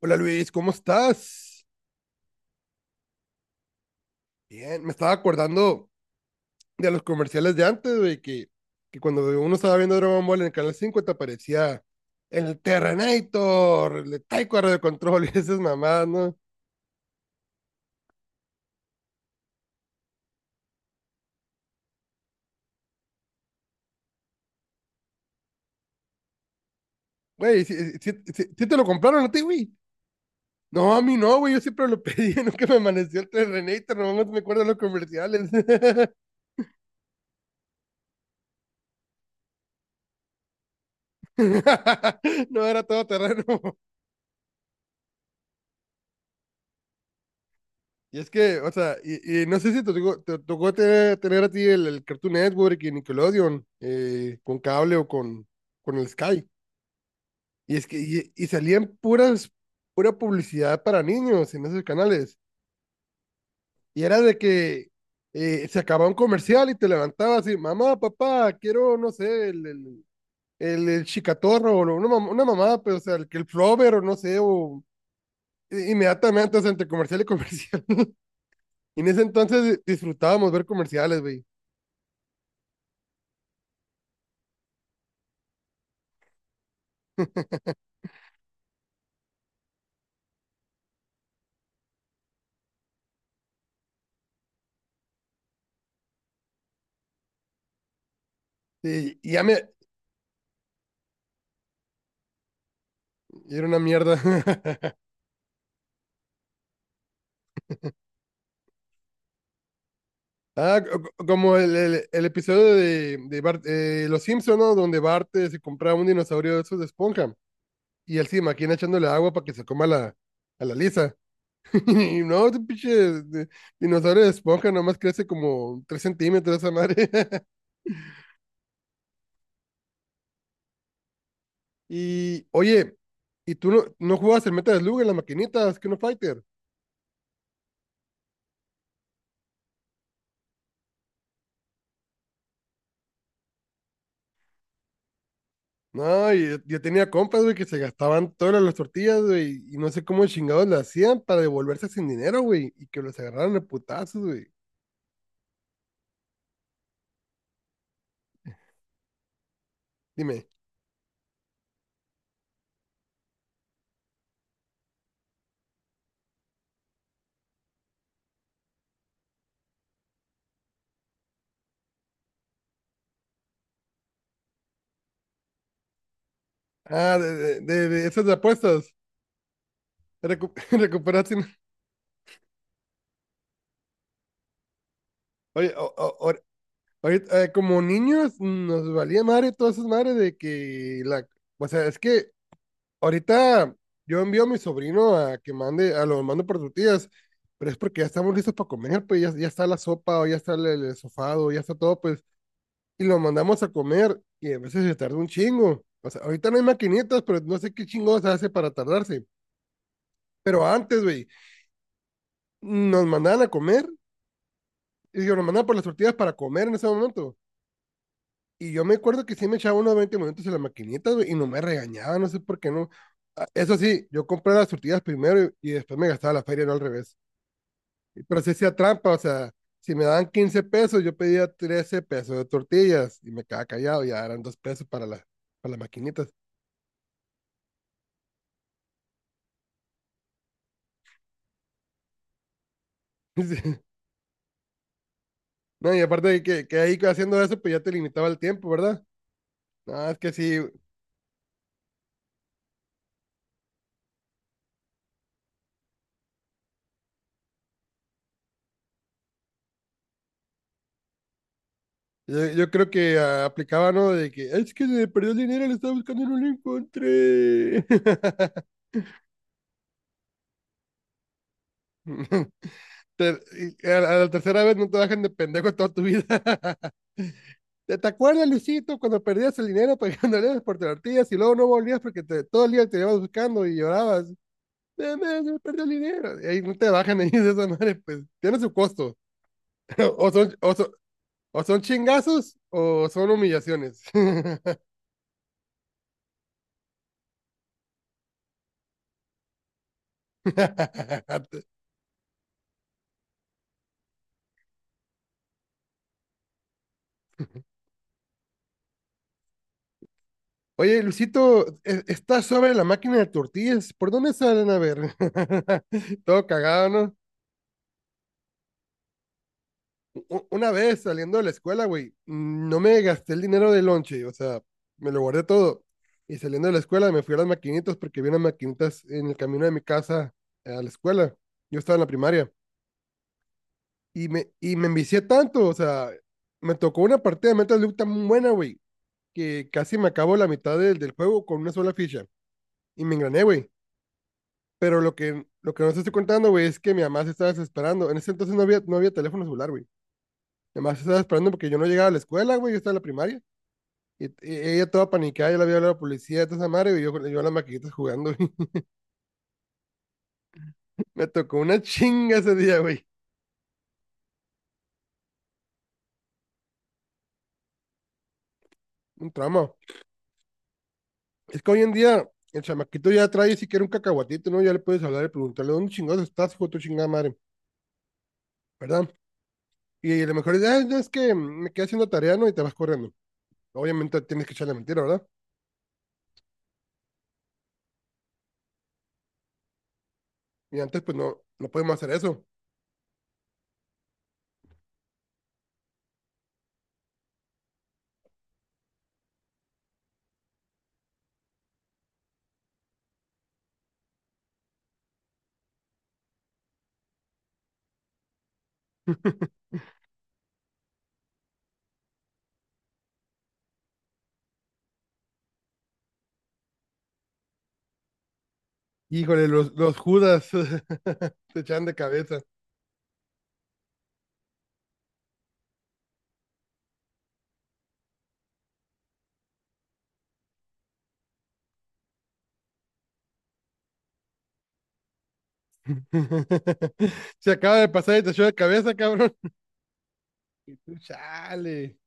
Hola Luis, ¿cómo estás? Bien, me estaba acordando de los comerciales de antes, güey, que cuando uno estaba viendo Dragon Ball en el canal 5, te aparecía el Terrenator, el Taiko a Radio Control y esas mamadas, ¿no? Güey, ¿sí, sí, sí sí te lo compraron a ti, güey? No, a mí no, güey, yo siempre lo pedí, nunca me amaneció el Terrenator, nomás me acuerdo de los comerciales. No era todo terreno. Y es que, o sea, y no sé si te tocó tener a ti el Cartoon Network y Nickelodeon, con cable o con el Sky. Y es que y salían pura publicidad para niños en esos canales. Y era de que se acababa un comercial y te levantabas y, mamá, papá, quiero, no sé, el chicatorro o una mamá, pero, o sea, que el flover o no sé, o inmediatamente, o sea, entre comercial y comercial. Y en ese entonces disfrutábamos ver comerciales, güey. Sí, y ya me... Era una mierda. Ah, como el episodio de Bart, Los Simpson, ¿no? Donde Bart, se compraba un dinosaurio de esos de esponja y el se imagina echándole agua para que se coma a la Lisa. Y no, ese pinche dinosaurio de esponja nomás crece como 3 centímetros esa madre. Y, oye, ¿y tú no jugabas el Metal Slug en las maquinitas, que no Fighter? No, y yo tenía compas, güey, que se gastaban todas las tortillas, güey, y no sé cómo chingados le hacían para devolverse sin dinero, güey, y que los agarraran de putazos, güey. Dime. Ah, de esas de apuestas. Recu Recuperación. Oye, ahorita, como niños nos valía madre todas esas madres de que la... O sea, es que ahorita yo envío a mi sobrino a que mande, a lo mando por tortillas, pero es porque ya estamos listos para comer, pues ya, ya está la sopa o ya está el sofado, ya está todo, pues y lo mandamos a comer y a veces se tarda un chingo. O sea, ahorita no hay maquinitas, pero no sé qué chingados hace para tardarse. Pero antes, güey, nos mandaban a comer y yo nos mandaban por las tortillas para comer en ese momento. Y yo me acuerdo que sí me echaba unos 20 minutos en la maquinita, güey, y no me regañaba, no sé por qué no. Ah, eso sí, yo compré las tortillas primero y después me gastaba la feria, no al revés. Pero sí hacía trampa, o sea, si me daban 15 pesos, yo pedía 13 pesos de tortillas y me quedaba callado, ya eran 2 pesos para las maquinitas. Sí. No, y aparte de que ahí haciendo eso, pues ya te limitaba el tiempo, ¿verdad? No, es que sí, yo creo que, aplicaba, ¿no? De que, es que se me perdió el dinero, lo estaba buscando y no lo encontré. Te- y a la tercera vez no te dejan de pendejo toda tu vida. ¿Te acuerdas, Luisito, cuando perdías el dinero pagando, andabas por tortillas y luego no volvías porque todo el día te ibas buscando y llorabas? "Se me perdió el dinero. Y ahí no te bajan ahí de esa madre, pues tiene su costo. O son, o son- O son chingazos o son humillaciones. Oye, Luisito, está sobre la máquina de tortillas. ¿Por dónde salen, a ver? Todo cagado, ¿no? Una vez saliendo de la escuela, güey, no me gasté el dinero del lonche, o sea, me lo guardé todo. Y saliendo de la escuela me fui a las maquinitas porque vi unas maquinitas en el camino de mi casa a la escuela. Yo estaba en la primaria. Y me envicié tanto, o sea, me tocó una partida de Metal Slug tan buena, güey, que casi me acabo la mitad del juego con una sola ficha. Y me engrané, güey. Pero lo que no te estoy contando, güey, es que mi mamá se estaba desesperando. En ese entonces no había teléfono celular, güey. Mi mamá se estaba esperando porque yo no llegaba a la escuela, güey. Yo estaba en la primaria. Y ella toda panicada, yo la había hablado a la policía, toda esa madre, güey. Yo a las maquinitas jugando, güey. Me tocó una chinga ese día, güey. Un trauma. Es que hoy en día el chamaquito ya trae siquiera un cacahuatito, ¿no? Ya le puedes hablar y preguntarle, ¿dónde chingados estás, hijo de tu chingada madre? ¿Verdad? Y a lo mejor es, no, es que me quedé haciendo tarea, ¿no? Y te vas corriendo. Obviamente tienes que echarle mentira, ¿verdad? Y antes, pues no, no podemos hacer eso. Híjole, los Judas te echan de cabeza. Se acaba de pasar y te echó de cabeza, cabrón. Y tú, chale.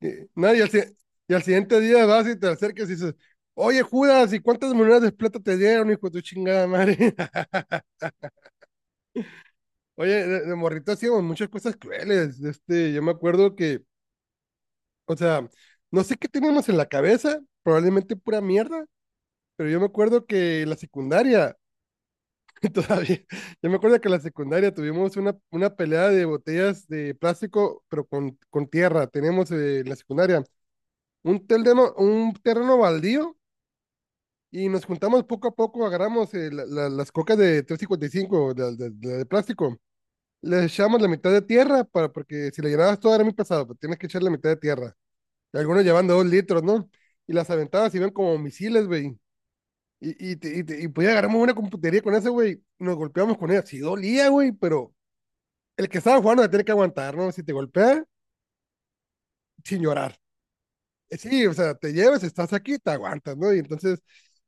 Y, no, y, al, y al siguiente día vas y te acercas y dices, oye, Judas, ¿y cuántas monedas de plata te dieron, hijo de tu chingada madre? Oye, de morrito hacíamos muchas cosas crueles. Este, yo me acuerdo que, o sea, no sé qué teníamos en la cabeza, probablemente pura mierda. Pero yo me acuerdo que la secundaria, todavía, yo me acuerdo que la secundaria tuvimos una pelea de botellas de plástico, pero con tierra. Teníamos, en la secundaria, un terreno baldío y nos juntamos poco a poco, agarramos, las cocas de 355, la de plástico. Le echamos la mitad de tierra, porque si la llenabas toda era muy pesado, pero tienes que echar la mitad de tierra. Y algunos llevan de 2 litros, ¿no? Y las aventadas iban como misiles, güey. Y podía agarramos una computería con ese, güey. Nos golpeamos con ella. Sí dolía, güey, pero el que estaba jugando la tiene que aguantar, ¿no? Si te golpea, sin llorar. Sí, o sea, te llevas, estás aquí, te aguantas, ¿no? Y entonces,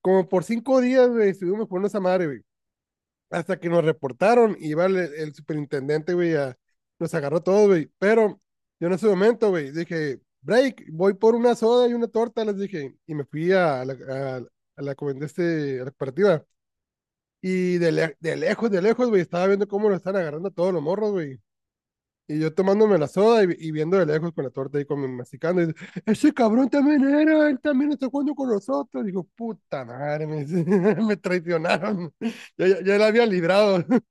como por 5 días, güey, estuvimos jugando esa madre, güey. Hasta que nos reportaron y iba el superintendente, güey, nos agarró todo, güey. Pero yo en ese momento, güey, dije, break, voy por una soda y una torta, les dije. Y me fui a la, comen- este, a la cooperativa. Y de lejos, güey, estaba viendo cómo lo están agarrando a todos los morros, güey. Y yo tomándome la soda y viendo de lejos con la torta y con mi masticando. Y dice, ese cabrón también era, él también está jugando con nosotros. Digo, puta madre, me, me traicionaron. Yo la había librado.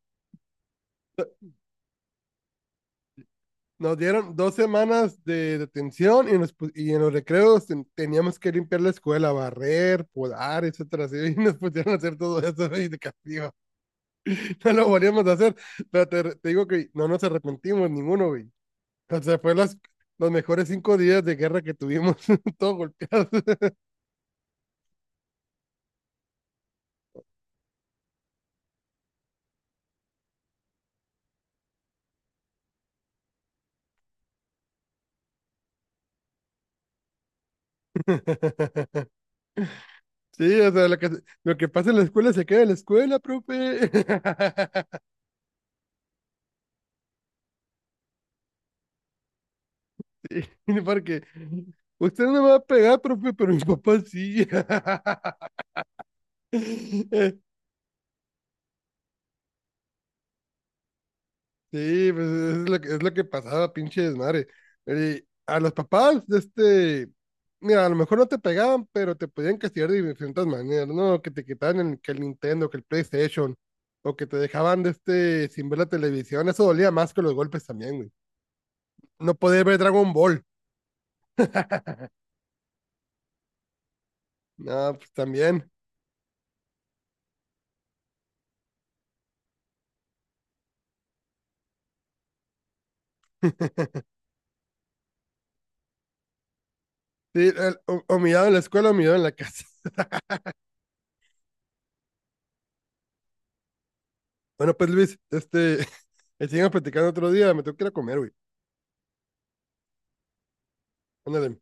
Nos dieron 2 semanas de detención y en los recreos teníamos que limpiar la escuela, barrer, podar, etcétera. Así, y nos pusieron a hacer todo eso, güey, de castigo. No lo volvíamos a hacer. Pero te digo que no nos arrepentimos ninguno, güey. O sea, fue los mejores 5 días de guerra que tuvimos, todos golpeados. Sí, o sea, lo que pasa en la escuela se queda en la escuela, profe. Sí, porque usted no me va a pegar, profe, pero mi papá sí. Sí, pues es lo que pasaba, pinche desmadre. A los papás de este, mira, a lo mejor no te pegaban, pero te podían castigar de diferentes maneras, ¿no? Que te quitaban que el Nintendo, que el PlayStation, o que te dejaban de este sin ver la televisión. Eso dolía más que los golpes también, güey. No poder ver Dragon Ball. No, pues también. Sí, o mirado en la escuela o mirado en la casa. Bueno, pues Luis, este, seguimos platicando otro día, me tengo que ir a comer, güey. Ándale.